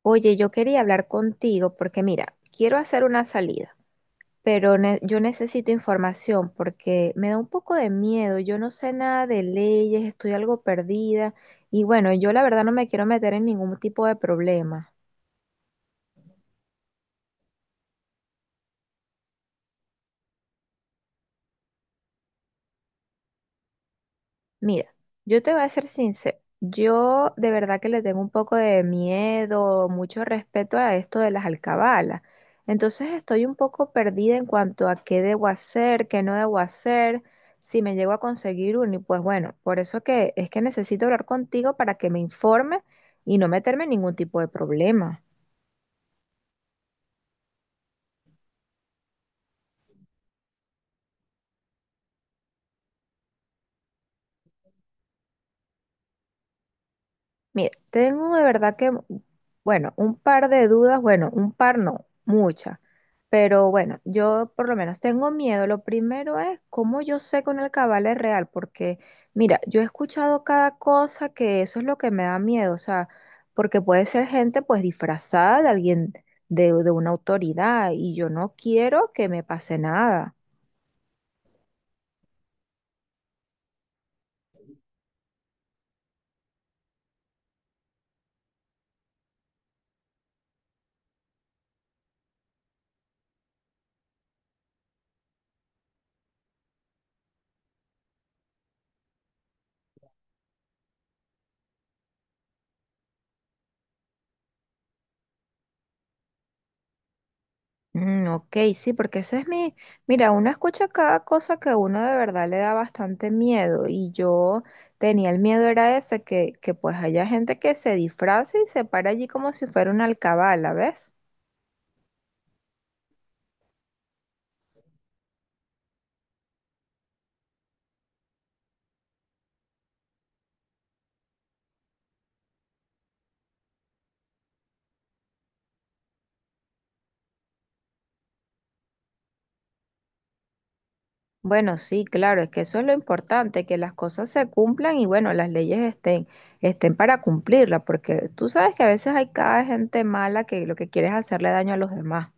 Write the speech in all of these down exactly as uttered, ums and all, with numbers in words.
Oye, yo quería hablar contigo porque mira, quiero hacer una salida, pero ne- yo necesito información porque me da un poco de miedo, yo no sé nada de leyes, estoy algo perdida y bueno, yo la verdad no me quiero meter en ningún tipo de problema. Mira, yo te voy a ser sincero. Yo de verdad que le tengo un poco de miedo, mucho respeto a esto de las alcabalas. Entonces estoy un poco perdida en cuanto a qué debo hacer, qué no debo hacer, si me llego a conseguir uno. Y pues bueno, por eso que es que necesito hablar contigo para que me informe y no meterme en ningún tipo de problema. Mira, tengo de verdad que, bueno, un par de dudas, bueno, un par no, muchas, pero bueno, yo por lo menos tengo miedo. Lo primero es cómo yo sé que un alcabala es real, porque mira, yo he escuchado cada cosa que eso es lo que me da miedo, o sea, porque puede ser gente pues disfrazada de alguien, de, de una autoridad, y yo no quiero que me pase nada. Mm, ok, sí, porque ese es mi, mira, uno escucha cada cosa que a uno de verdad le da bastante miedo y yo tenía el miedo era ese, que, que pues haya gente que se disfrace y se para allí como si fuera una alcabala, ¿ves? Bueno, sí, claro, es que eso es lo importante, que las cosas se cumplan y bueno, las leyes estén, estén para cumplirlas, porque tú sabes que a veces hay cada gente mala que lo que quiere es hacerle daño a los demás.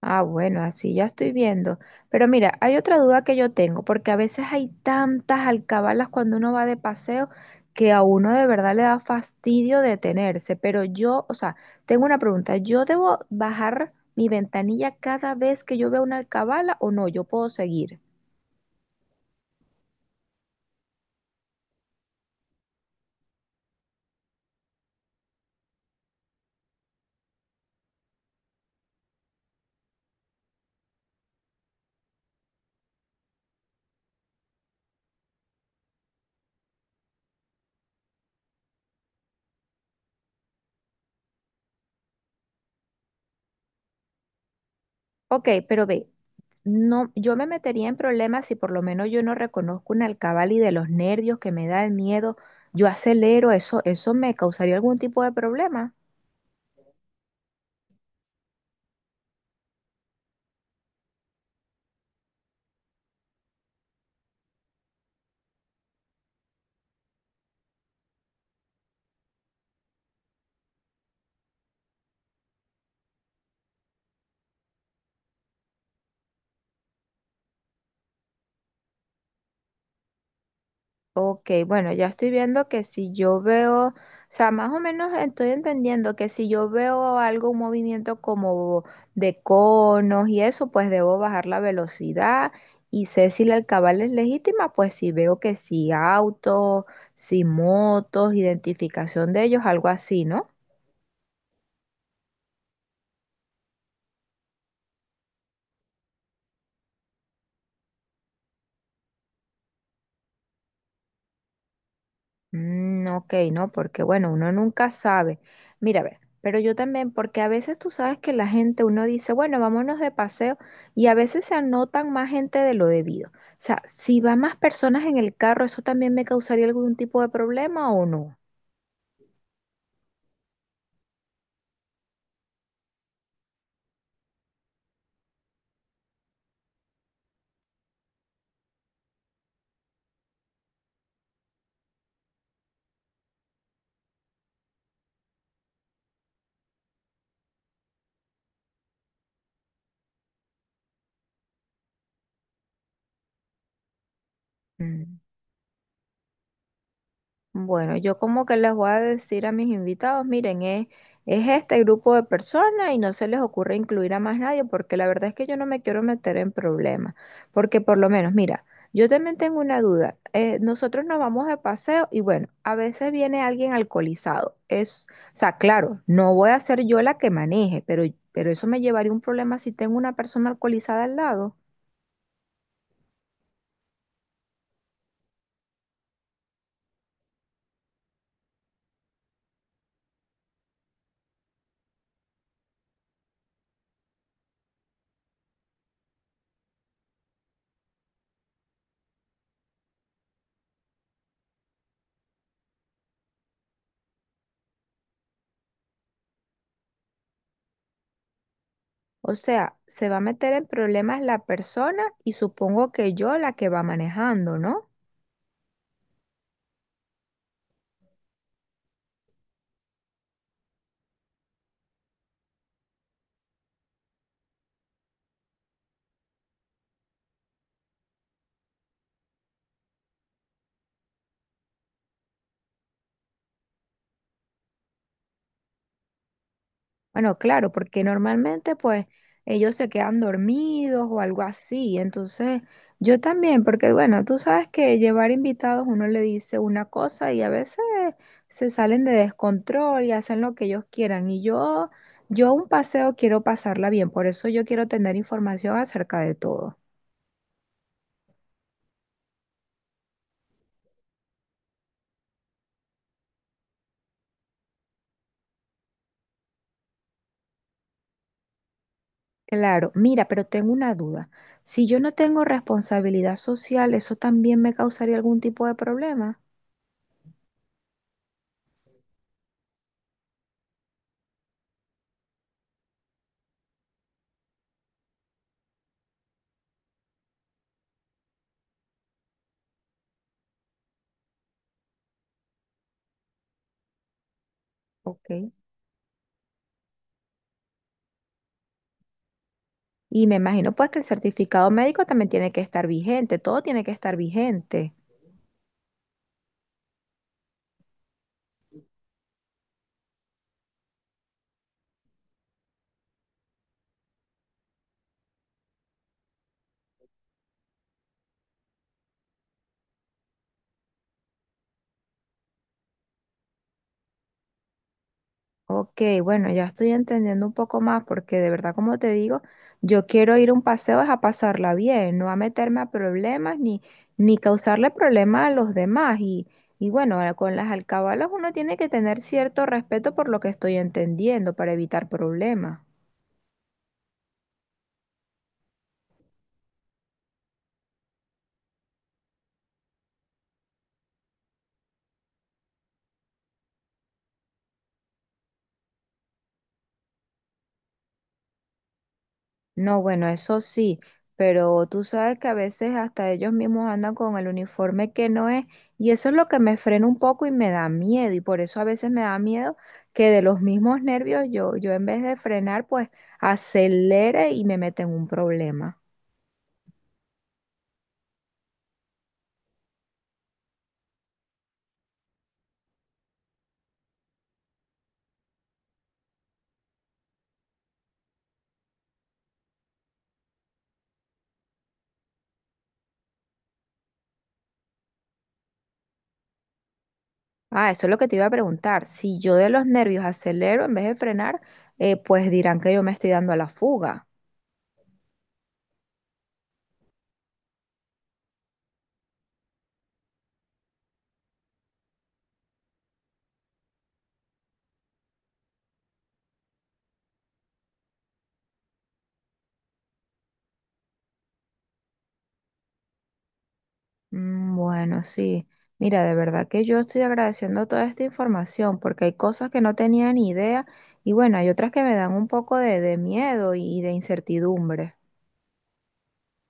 Ah, bueno, así ya estoy viendo. Pero mira, hay otra duda que yo tengo, porque a veces hay tantas alcabalas cuando uno va de paseo que a uno de verdad le da fastidio detenerse. Pero yo, o sea, tengo una pregunta, ¿yo debo bajar mi ventanilla cada vez que yo veo una alcabala o no? Yo puedo seguir. Ok, pero ve, no, yo me metería en problemas si por lo menos yo no reconozco una alcabala y de los nervios que me da el miedo, yo acelero, eso, eso me causaría algún tipo de problema. Ok, bueno, ya estoy viendo que si yo veo, o sea, más o menos estoy entendiendo que si yo veo algo, un movimiento como de conos y eso, pues debo bajar la velocidad y sé si la alcabala es legítima, pues si veo que si autos, si motos, identificación de ellos, algo así, ¿no? Mm, ok, no, porque bueno, uno nunca sabe. Mira, a ver, pero yo también, porque a veces tú sabes que la gente, uno dice, bueno, vámonos de paseo, y a veces se anotan más gente de lo debido. O sea, si van más personas en el carro, ¿eso también me causaría algún tipo de problema o no? Mm. Bueno, yo como que les voy a decir a mis invitados, miren, es, es este grupo de personas y no se les ocurre incluir a más nadie, porque la verdad es que yo no me quiero meter en problemas, porque por lo menos, mira, yo también tengo una duda. Eh, nosotros nos vamos de paseo y bueno, a veces viene alguien alcoholizado. Es, o sea, claro, no voy a ser yo la que maneje, pero, pero eso me llevaría a un problema si tengo una persona alcoholizada al lado. O sea, se va a meter en problemas la persona y supongo que yo la que va manejando, ¿no? Bueno, claro, porque normalmente pues ellos se quedan dormidos o algo así. Entonces, yo también, porque bueno, tú sabes que llevar invitados uno le dice una cosa y a veces se salen de descontrol y hacen lo que ellos quieran. Y yo, yo un paseo quiero pasarla bien, por eso yo quiero tener información acerca de todo. Claro, mira, pero tengo una duda. Si yo no tengo responsabilidad social, ¿eso también me causaría algún tipo de problema? Ok. Y me imagino pues que el certificado médico también tiene que estar vigente, todo tiene que estar vigente. Ok, bueno, ya estoy entendiendo un poco más porque de verdad, como te digo, yo quiero ir a un paseo es a pasarla bien, no a meterme a problemas ni, ni causarle problemas a los demás. Y, y bueno, a- con las alcabalas uno tiene que tener cierto respeto por lo que estoy entendiendo para evitar problemas. No, bueno, eso sí, pero tú sabes que a veces hasta ellos mismos andan con el uniforme que no es y eso es lo que me frena un poco y me da miedo y por eso a veces me da miedo que de los mismos nervios yo, yo en vez de frenar pues acelere y me meta en un problema. Ah, eso es lo que te iba a preguntar. Si yo de los nervios acelero en vez de frenar, eh, pues dirán que yo me estoy dando a la fuga. Mm, bueno, sí. Mira, de verdad que yo estoy agradeciendo toda esta información porque hay cosas que no tenía ni idea y bueno, hay otras que me dan un poco de, de miedo y de incertidumbre.